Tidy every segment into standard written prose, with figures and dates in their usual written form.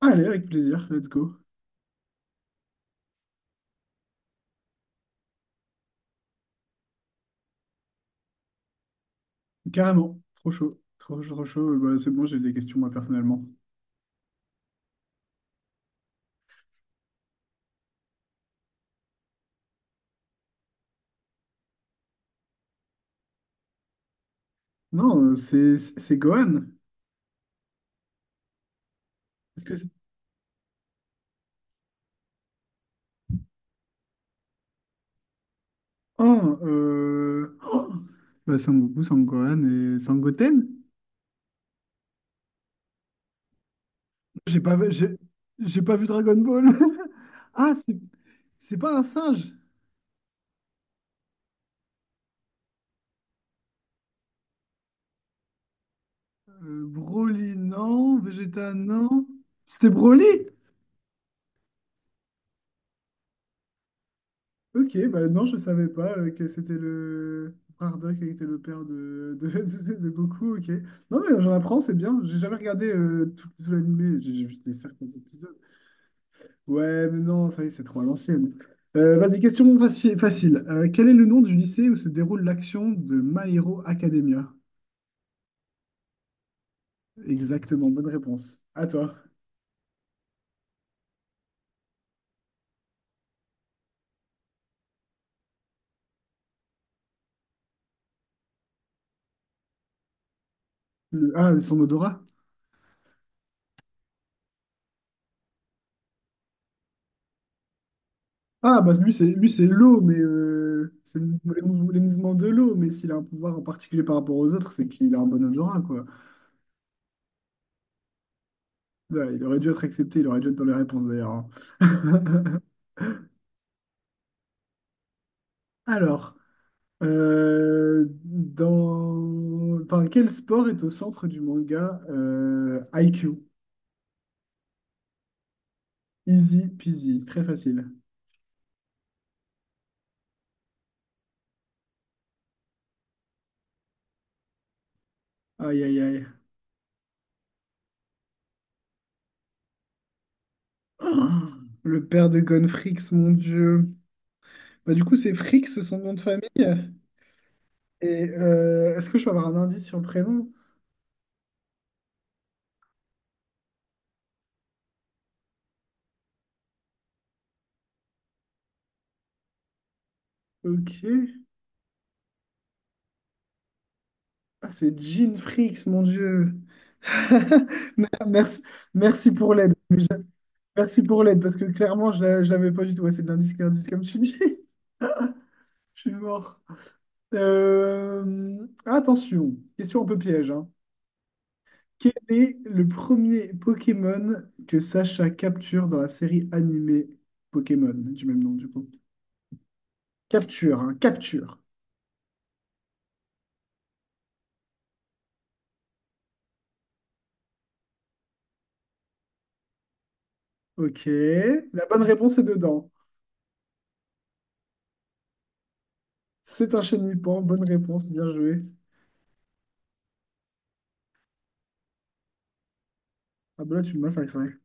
Allez, avec plaisir, let's go. Carrément, trop chaud, trop chaud, trop chaud. Bah, c'est bon, j'ai des questions moi personnellement. Non, c'est Gohan. Est-ce que c'est... Oh, oh bah, Sangoku, Sangohan et Sangoten? J'ai pas vu, j'ai pas vu Dragon Ball. Ah, c'est pas un singe. Broly, non. Vegeta, non. C'était Broly? Ok, bah non, je savais pas que c'était le Bardock qui était le père de, de Goku, ok. Non mais j'en apprends, c'est bien. J'ai jamais regardé tout l'animé, j'ai vu certains épisodes. Ouais, mais non, ça y est, c'est trop à l'ancienne. Vas-y, question facile. Quel est le nom du lycée où se déroule l'action de My Hero Academia? Exactement, bonne réponse. À toi. Ah, son odorat? Ah, bah lui, c'est l'eau, mais c'est les mouvements de l'eau. Mais s'il a un pouvoir en particulier par rapport aux autres, c'est qu'il a un bon odorat, quoi. Ouais, il aurait dû être accepté, il aurait dû être dans les réponses d'ailleurs, hein. Alors, quel sport est au centre du manga IQ? Easy peasy, très facile. Aïe aïe aïe. Ah, le père de Gonfrix, mon Dieu. Bah, du coup, c'est Frix, son nom de famille. Et est-ce que je peux avoir un indice sur le prénom? Ok. Ah, c'est Jean Fricks, mon Dieu. Merci, merci pour l'aide. Merci pour l'aide, parce que clairement, je ne l'avais pas du tout. Ouais, c'est de l'indice, comme tu dis. Je suis mort. Attention, question un peu piège, hein. Quel est le premier Pokémon que Sacha capture dans la série animée Pokémon, du même nom, du coup? Capture, hein, capture. Ok. La bonne réponse est dedans. C'est un Chenipan. Bonne réponse, bien joué. Ah bah là, tu me massacrais.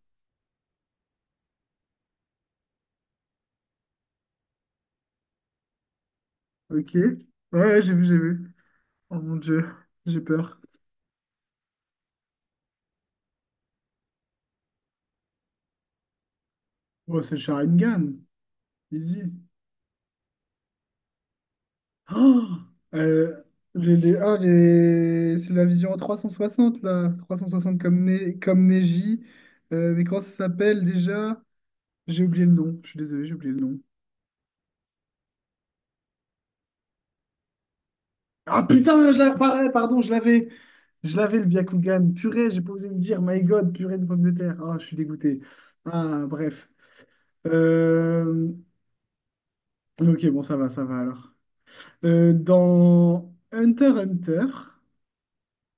Ok. Ouais, ouais, j'ai vu, j'ai vu. Oh mon Dieu, j'ai peur. Oh, c'est le Sharingan. Easy. Oh, euh, c'est la vision en 360 là. 360 comme, Ne- comme Neji. Mais comment ça s'appelle déjà? J'ai oublié le nom. Je suis désolé, j'ai oublié le nom. Ah putain, je l'avais, pareil, pardon, je l'avais. Je l'avais le Byakugan. Purée, j'ai pas osé le dire. My God, purée de pommes de terre. Ah, je suis dégoûté. Ah, bref. Euh, Ok, bon, ça va alors. Dans Hunter x Hunter.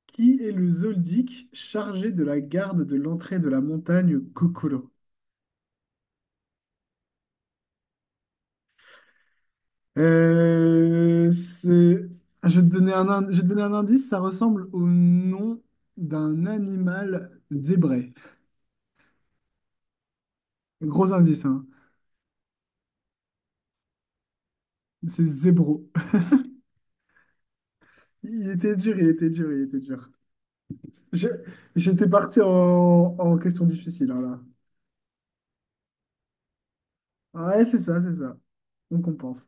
Qui est le Zoldyck chargé de la garde de l'entrée de la montagne Kokoro? Euh, c'est- ah, je vais te donner un indice, ça ressemble au nom d'un animal zébré. Gros indice, hein. C'est zébro. Il était dur, il était dur, il était dur. Je- J'étais parti en question difficile, hein, là. Ouais, c'est ça, c'est ça. On compense.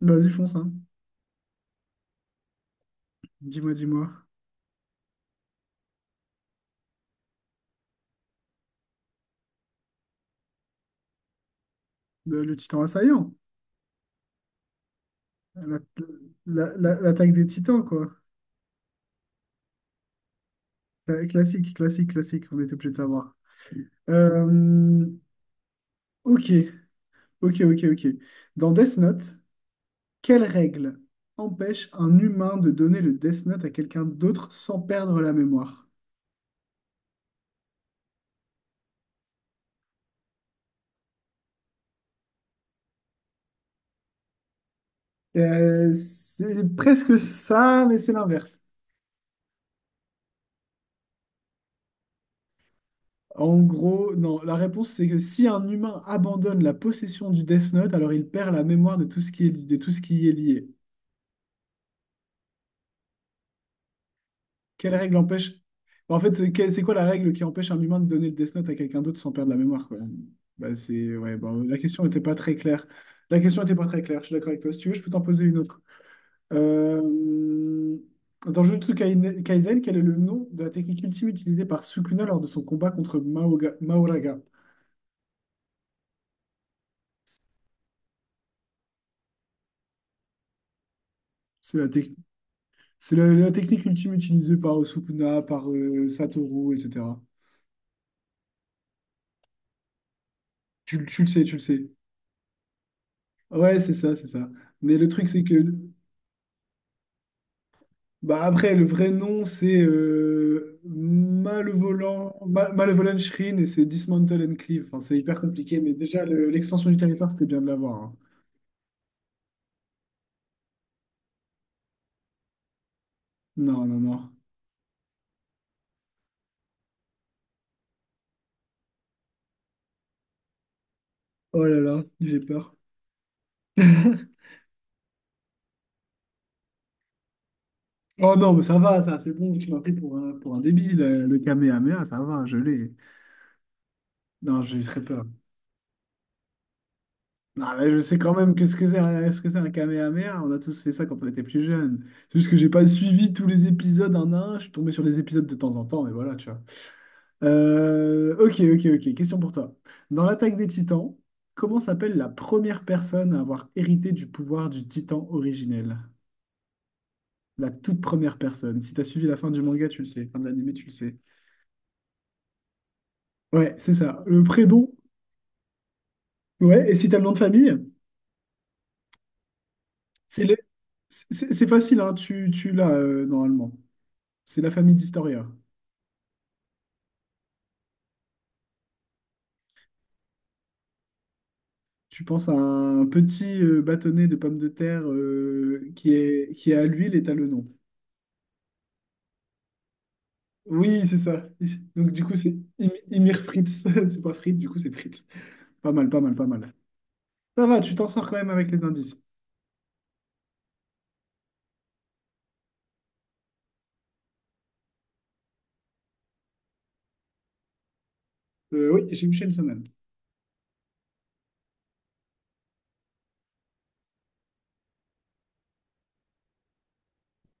Vas-y, fonce, hein. Dis-moi, dis-moi. Le titan assaillant. La- L'attaque des titans, quoi. Classique, classique, classique, on était obligé de savoir. Euh, ok, ok, ok, ok. Dans Death Note, quelle règle empêche un humain de donner le Death Note à quelqu'un d'autre sans perdre la mémoire? C'est presque ça, mais c'est l'inverse. En gros, non, la réponse c'est que si un humain abandonne la possession du Death Note, alors il perd la mémoire de tout ce qui est, de tout ce qui y est lié. Quelle règle empêche? Bon, en fait, c'est quoi la règle qui empêche un humain de donner le Death Note à quelqu'un d'autre sans perdre la mémoire, quoi? Bah, c'est... Ouais, bon, la question n'était pas très claire. La question n'était pas très claire, je suis d'accord avec toi. Si tu veux, je peux t'en poser une autre. Euh, Dans Jujutsu Kaisen, quel est le nom de la technique ultime utilisée par Sukuna lors de son combat contre Maoraga? C'est la, tec- c'est la technique ultime utilisée par Sukuna, par Satoru, etc. Tu le sais, tu le sais. Ouais, c'est ça, c'est ça. Mais le truc, c'est que bah après, le vrai nom, c'est Malevolent, Malevolent Shrine et c'est Dismantle and Cleave. Enfin, c'est hyper compliqué, mais déjà, l'extension du territoire, c'était bien de l'avoir, hein. Non, non, non. Oh là là, j'ai peur. Oh non, mais ça va, ça, c'est bon, tu m'as pris pour un, débile, le Kamehameha, ça va, je l'ai. Non, j'ai eu très peur. Non, mais je sais quand même que ce que c'est un Kamehameha, on a tous fait ça quand on était plus jeune. C'est juste que j'ai pas suivi tous les épisodes un à un, je suis tombé sur les épisodes de temps en temps, mais voilà, tu vois. Ok, ok, ok. Question pour toi. Dans l'attaque des Titans, comment s'appelle la première personne à avoir hérité du pouvoir du Titan originel? La toute première personne. Si t'as suivi la fin du manga, tu le sais. Fin de l'anime, tu le sais. Ouais, c'est ça. Le prénom. Ouais, et si t'as le nom de famille, c'est le. c'est facile, hein. Tu l'as normalement. C'est la famille d'Historia. Tu penses à un petit bâtonnet de pommes de terre qui est à l'huile et t'as le nom. Oui, c'est ça. Donc, du coup, c'est Imir Fritz. C'est pas Fritz, du coup, c'est Fritz. Pas mal, pas mal, pas mal. Ça va, tu t'en sors quand même avec les indices. Oui, j'ai Michel Semaine.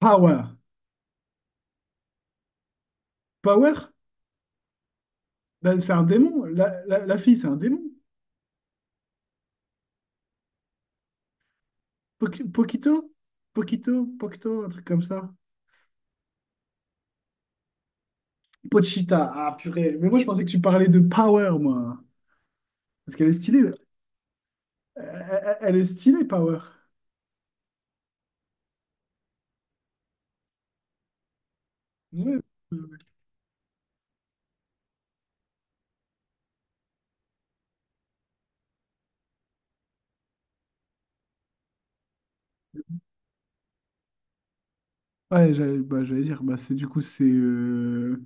Power. Power? Ben, c'est un démon. La fille, c'est un démon. Pokito? Pokito, Pokito, un truc comme ça. Pochita. Ah, purée. Mais moi, je pensais que tu parlais de Power, moi. Parce qu'elle est stylée. Elle, elle est stylée, Power. Ouais, ouais, j'allais dire, bah, c'est du coup, c'est.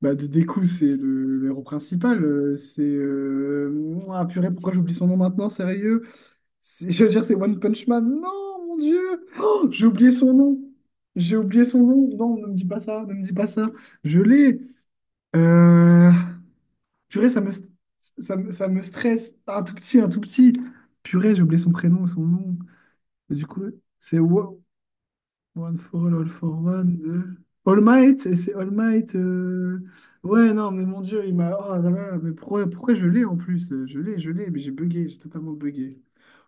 Bah, de Deku, c'est le héros principal. C'est. Ah purée, pourquoi j'oublie son nom maintenant, sérieux? J'allais dire, c'est One Punch Man. Non, mon Dieu! Oh, j'ai oublié son nom. J'ai oublié son nom. Non, ne me dis pas ça, ne me dis pas ça. Je l'ai. Euh, Purée, ça me, st- ça me stresse. Un tout petit, un tout petit. Purée, j'ai oublié son prénom, son nom. Et du coup, c'est. One for All, All for One de... All Might, et c'est All Might. Ouais, non, mais mon Dieu, il m'a. Oh là là, mais pourquoi, pourquoi je l'ai en plus? Je l'ai, mais j'ai bugué, j'ai totalement bugué.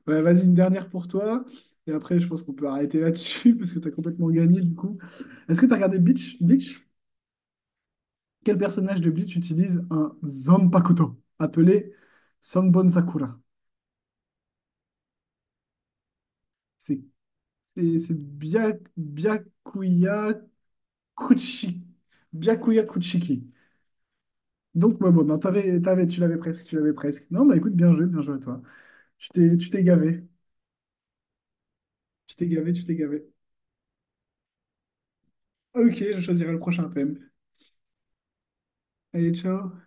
Ouais, vas-y, une dernière pour toi. Et après, je pense qu'on peut arrêter là-dessus parce que t'as complètement gagné du coup. Est-ce que t'as regardé Bleach? Bleach? Quel personnage de Bleach utilise un Zanpakuto appelé Sanbon Sakura? C'est et c'est Kuchi- Byakuya Kuchiki. Donc, ouais, bon, non, tu l'avais presque, tu l'avais presque. Non, bah écoute, bien joué à toi. Tu t'es gavé. Tu t'es gavé, tu t'es gavé. Ok, je choisirai le prochain thème. Allez, ciao.